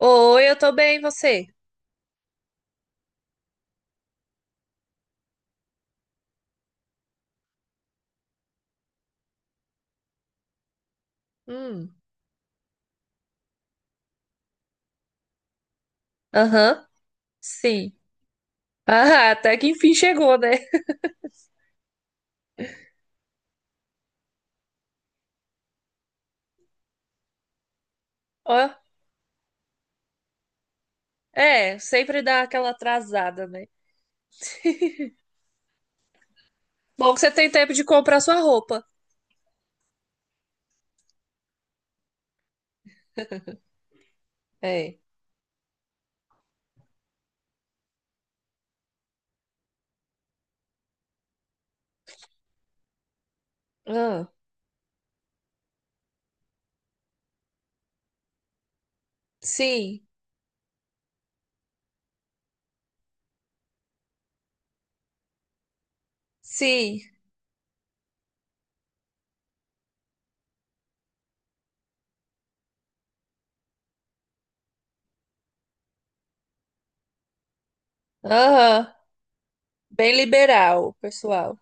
Oi, eu tô bem, e você? Hum. Aham, sim. Ah, até que enfim chegou, né? Ó, é, sempre dá aquela atrasada, né? Bom que você tem tempo de comprar sua roupa. É. Ah, sim, sim. Aham, bem liberal, pessoal.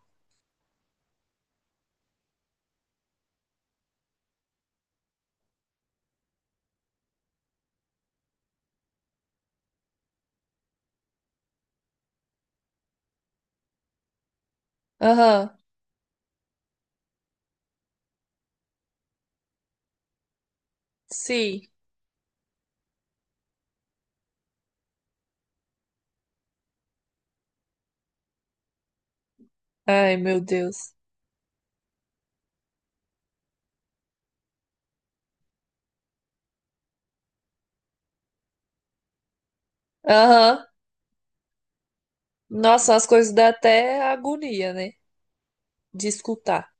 Aham, sim. Ai, meu Deus. Aham. Nossa, as coisas dá até agonia, né? De escutar.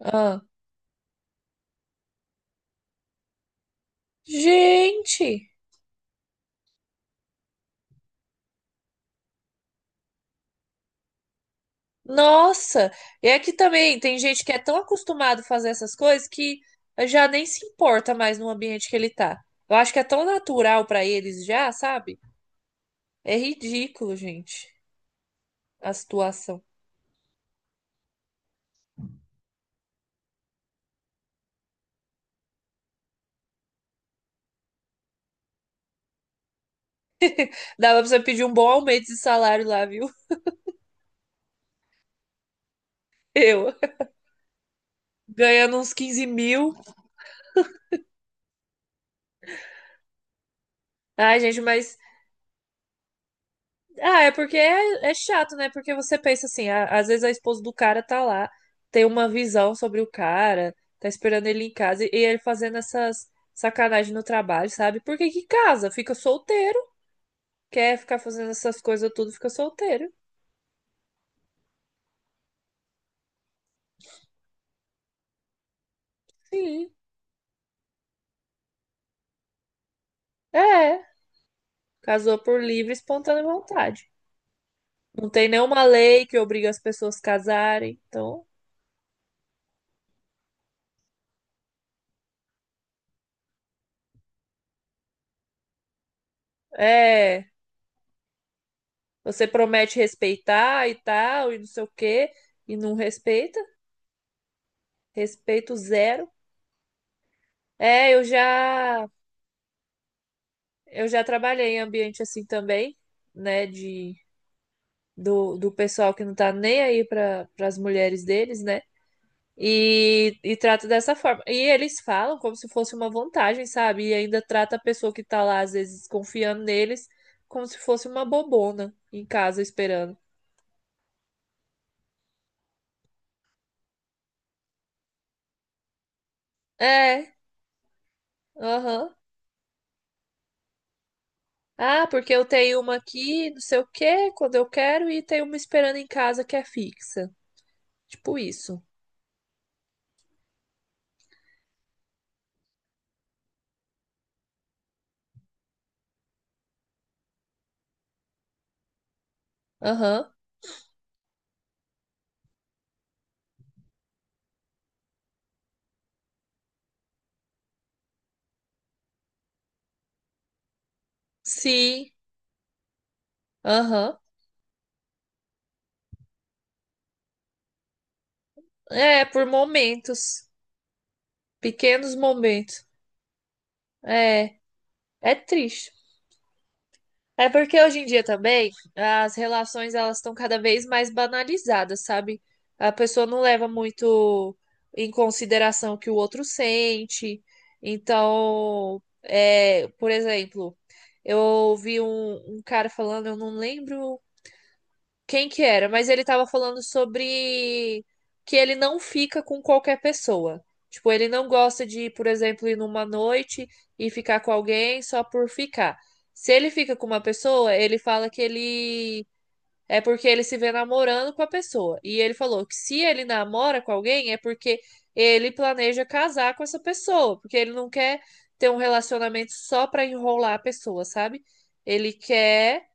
Ah, gente! Nossa. E é que também tem gente que é tão acostumado a fazer essas coisas que já nem se importa mais no ambiente que ele tá. Eu acho que é tão natural pra eles já, sabe? É ridículo, gente, a situação. Dava pra você pedir um bom aumento de salário lá, viu? Eu ganhando uns 15 mil. Ai, gente, mas ah, é porque é chato, né? Porque você pensa assim, às vezes a esposa do cara tá lá, tem uma visão sobre o cara, tá esperando ele em casa e ele fazendo essas sacanagens no trabalho, sabe? Por que que casa? Fica solteiro. Quer ficar fazendo essas coisas tudo, fica solteiro. Sim. É. Casou por livre e espontânea vontade. Não tem nenhuma lei que obriga as pessoas a casarem. Então, é. Você promete respeitar e tal, e não sei o quê, e não respeita. Respeito zero. É, eu já trabalhei em ambiente assim também, né, do pessoal que não tá nem aí para as mulheres deles, né? E trata dessa forma. E eles falam como se fosse uma vantagem, sabe? E ainda trata a pessoa que tá lá, às vezes, confiando neles, como se fosse uma bobona em casa esperando. É, aham. Ah, porque eu tenho uma aqui, não sei o quê, quando eu quero, e tenho uma esperando em casa que é fixa. Tipo isso. Aham. Sim. Aham. É, por momentos, pequenos momentos. É, é triste. É porque hoje em dia também as relações elas estão cada vez mais banalizadas, sabe? A pessoa não leva muito em consideração o que o outro sente. Então, é, por exemplo, eu ouvi um cara falando, eu não lembro quem que era. Mas ele tava falando sobre que ele não fica com qualquer pessoa. Tipo, ele não gosta de, por exemplo, ir numa noite e ficar com alguém só por ficar. Se ele fica com uma pessoa, ele fala que ele é porque ele se vê namorando com a pessoa. E ele falou que se ele namora com alguém é porque ele planeja casar com essa pessoa, porque ele não quer ter um relacionamento só pra enrolar a pessoa, sabe? Ele quer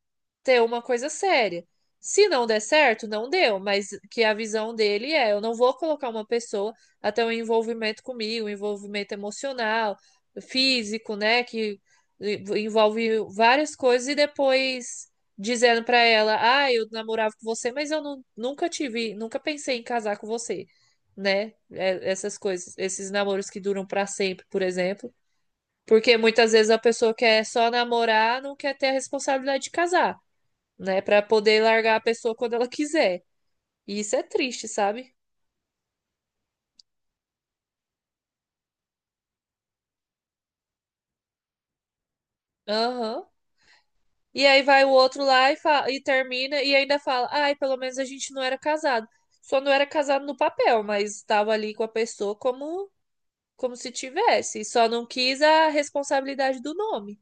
ter uma coisa séria. Se não der certo, não deu, mas que a visão dele é: eu não vou colocar uma pessoa até um envolvimento comigo, um envolvimento emocional, físico, né, que envolve várias coisas e depois dizendo pra ela: "Ah, eu namorava com você, mas eu nunca tive, nunca pensei em casar com você", né? Essas coisas, esses namoros que duram pra sempre, por exemplo, porque muitas vezes a pessoa quer só namorar, não quer ter a responsabilidade de casar, né? Pra poder largar a pessoa quando ela quiser. E isso é triste, sabe? Aham. E aí vai o outro lá e termina e ainda fala: ai, pelo menos a gente não era casado. Só não era casado no papel, mas estava ali com a pessoa como se tivesse. Só não quis a responsabilidade do nome,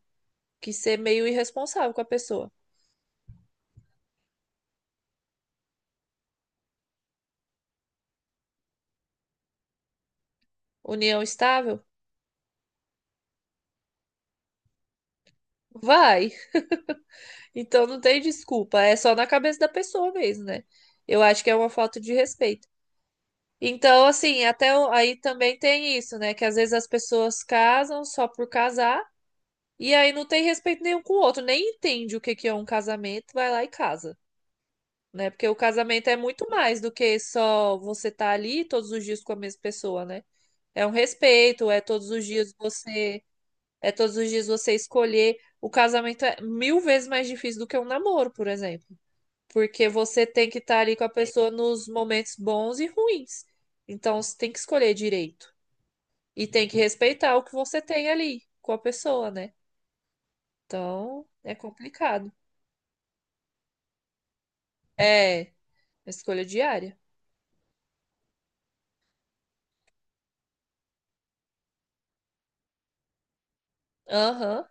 que ser meio irresponsável com a pessoa. União estável? Vai. Então não tem desculpa, é só na cabeça da pessoa mesmo, né? Eu acho que é uma falta de respeito. Então, assim, até aí também tem isso, né? Que às vezes as pessoas casam só por casar e aí não tem respeito nenhum com o outro, nem entende o que que é um casamento, vai lá e casa, né? Porque o casamento é muito mais do que só você estar ali todos os dias com a mesma pessoa, né? É um respeito, é todos os dias você, é todos os dias você escolher. O casamento é mil vezes mais difícil do que um namoro, por exemplo. Porque você tem que estar ali com a pessoa nos momentos bons e ruins. Então você tem que escolher direito. E tem que respeitar o que você tem ali com a pessoa, né? Então é complicado. É escolha diária. Aham,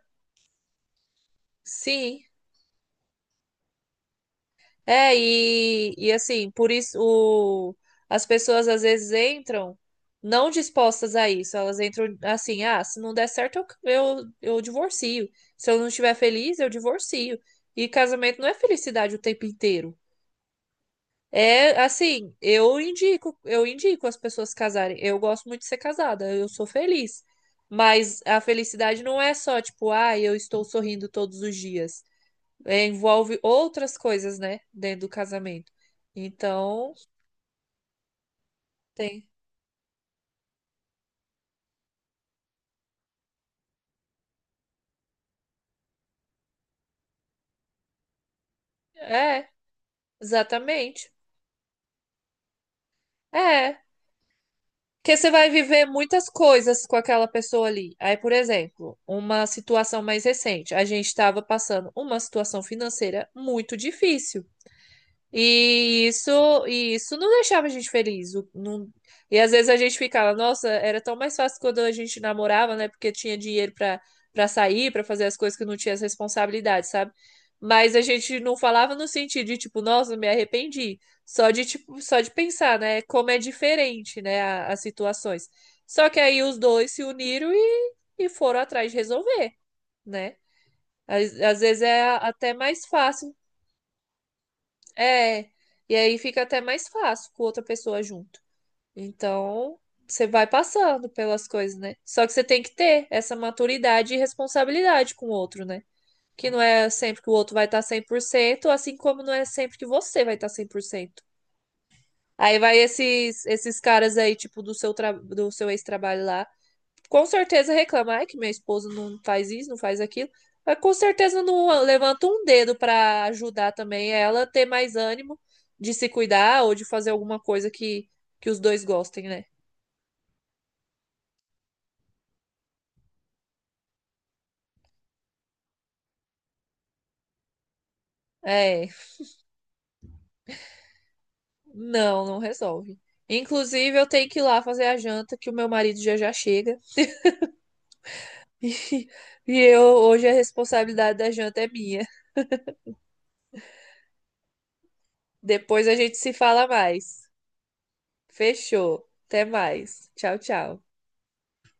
sim. É, e assim, por isso as pessoas às vezes entram não dispostas a isso. Elas entram assim, ah, se não der certo, eu divorcio. Se eu não estiver feliz, eu divorcio. E casamento não é felicidade o tempo inteiro. É assim, eu indico as pessoas casarem. Eu gosto muito de ser casada, eu sou feliz. Mas a felicidade não é só, tipo, ah, eu estou sorrindo todos os dias, é, envolve outras coisas, né, dentro do casamento. Então, tem. É, exatamente. É, porque você vai viver muitas coisas com aquela pessoa ali. Aí, por exemplo, uma situação mais recente, a gente estava passando uma situação financeira muito difícil. E isso não deixava a gente feliz. E às vezes a gente ficava, nossa, era tão mais fácil quando a gente namorava, né? Porque tinha dinheiro pra para sair, pra fazer as coisas que não tinha as responsabilidades, sabe? Mas a gente não falava no sentido de tipo, nossa, me arrependi. Só de tipo, só de pensar, né? Como é diferente, né? As situações. Só que aí os dois se uniram e foram atrás de resolver, né? Às vezes é até mais fácil é, e aí fica até mais fácil com outra pessoa junto. Então, você vai passando pelas coisas, né? Só que você tem que ter essa maturidade e responsabilidade com o outro, né? Que não é sempre que o outro vai estar 100%, assim como não é sempre que você vai estar 100%. Aí vai esses caras aí, tipo, do seu ex-trabalho lá, com certeza reclama, ai, que meu esposo não faz isso, não faz aquilo, mas com certeza não levanta um dedo para ajudar também ela a ter mais ânimo de se cuidar ou de fazer alguma coisa que os dois gostem, né? É, não, não resolve. Inclusive, eu tenho que ir lá fazer a janta, que o meu marido já já chega. E, e eu, hoje a responsabilidade da janta é minha. Depois a gente se fala mais. Fechou. Até mais. Tchau, tchau.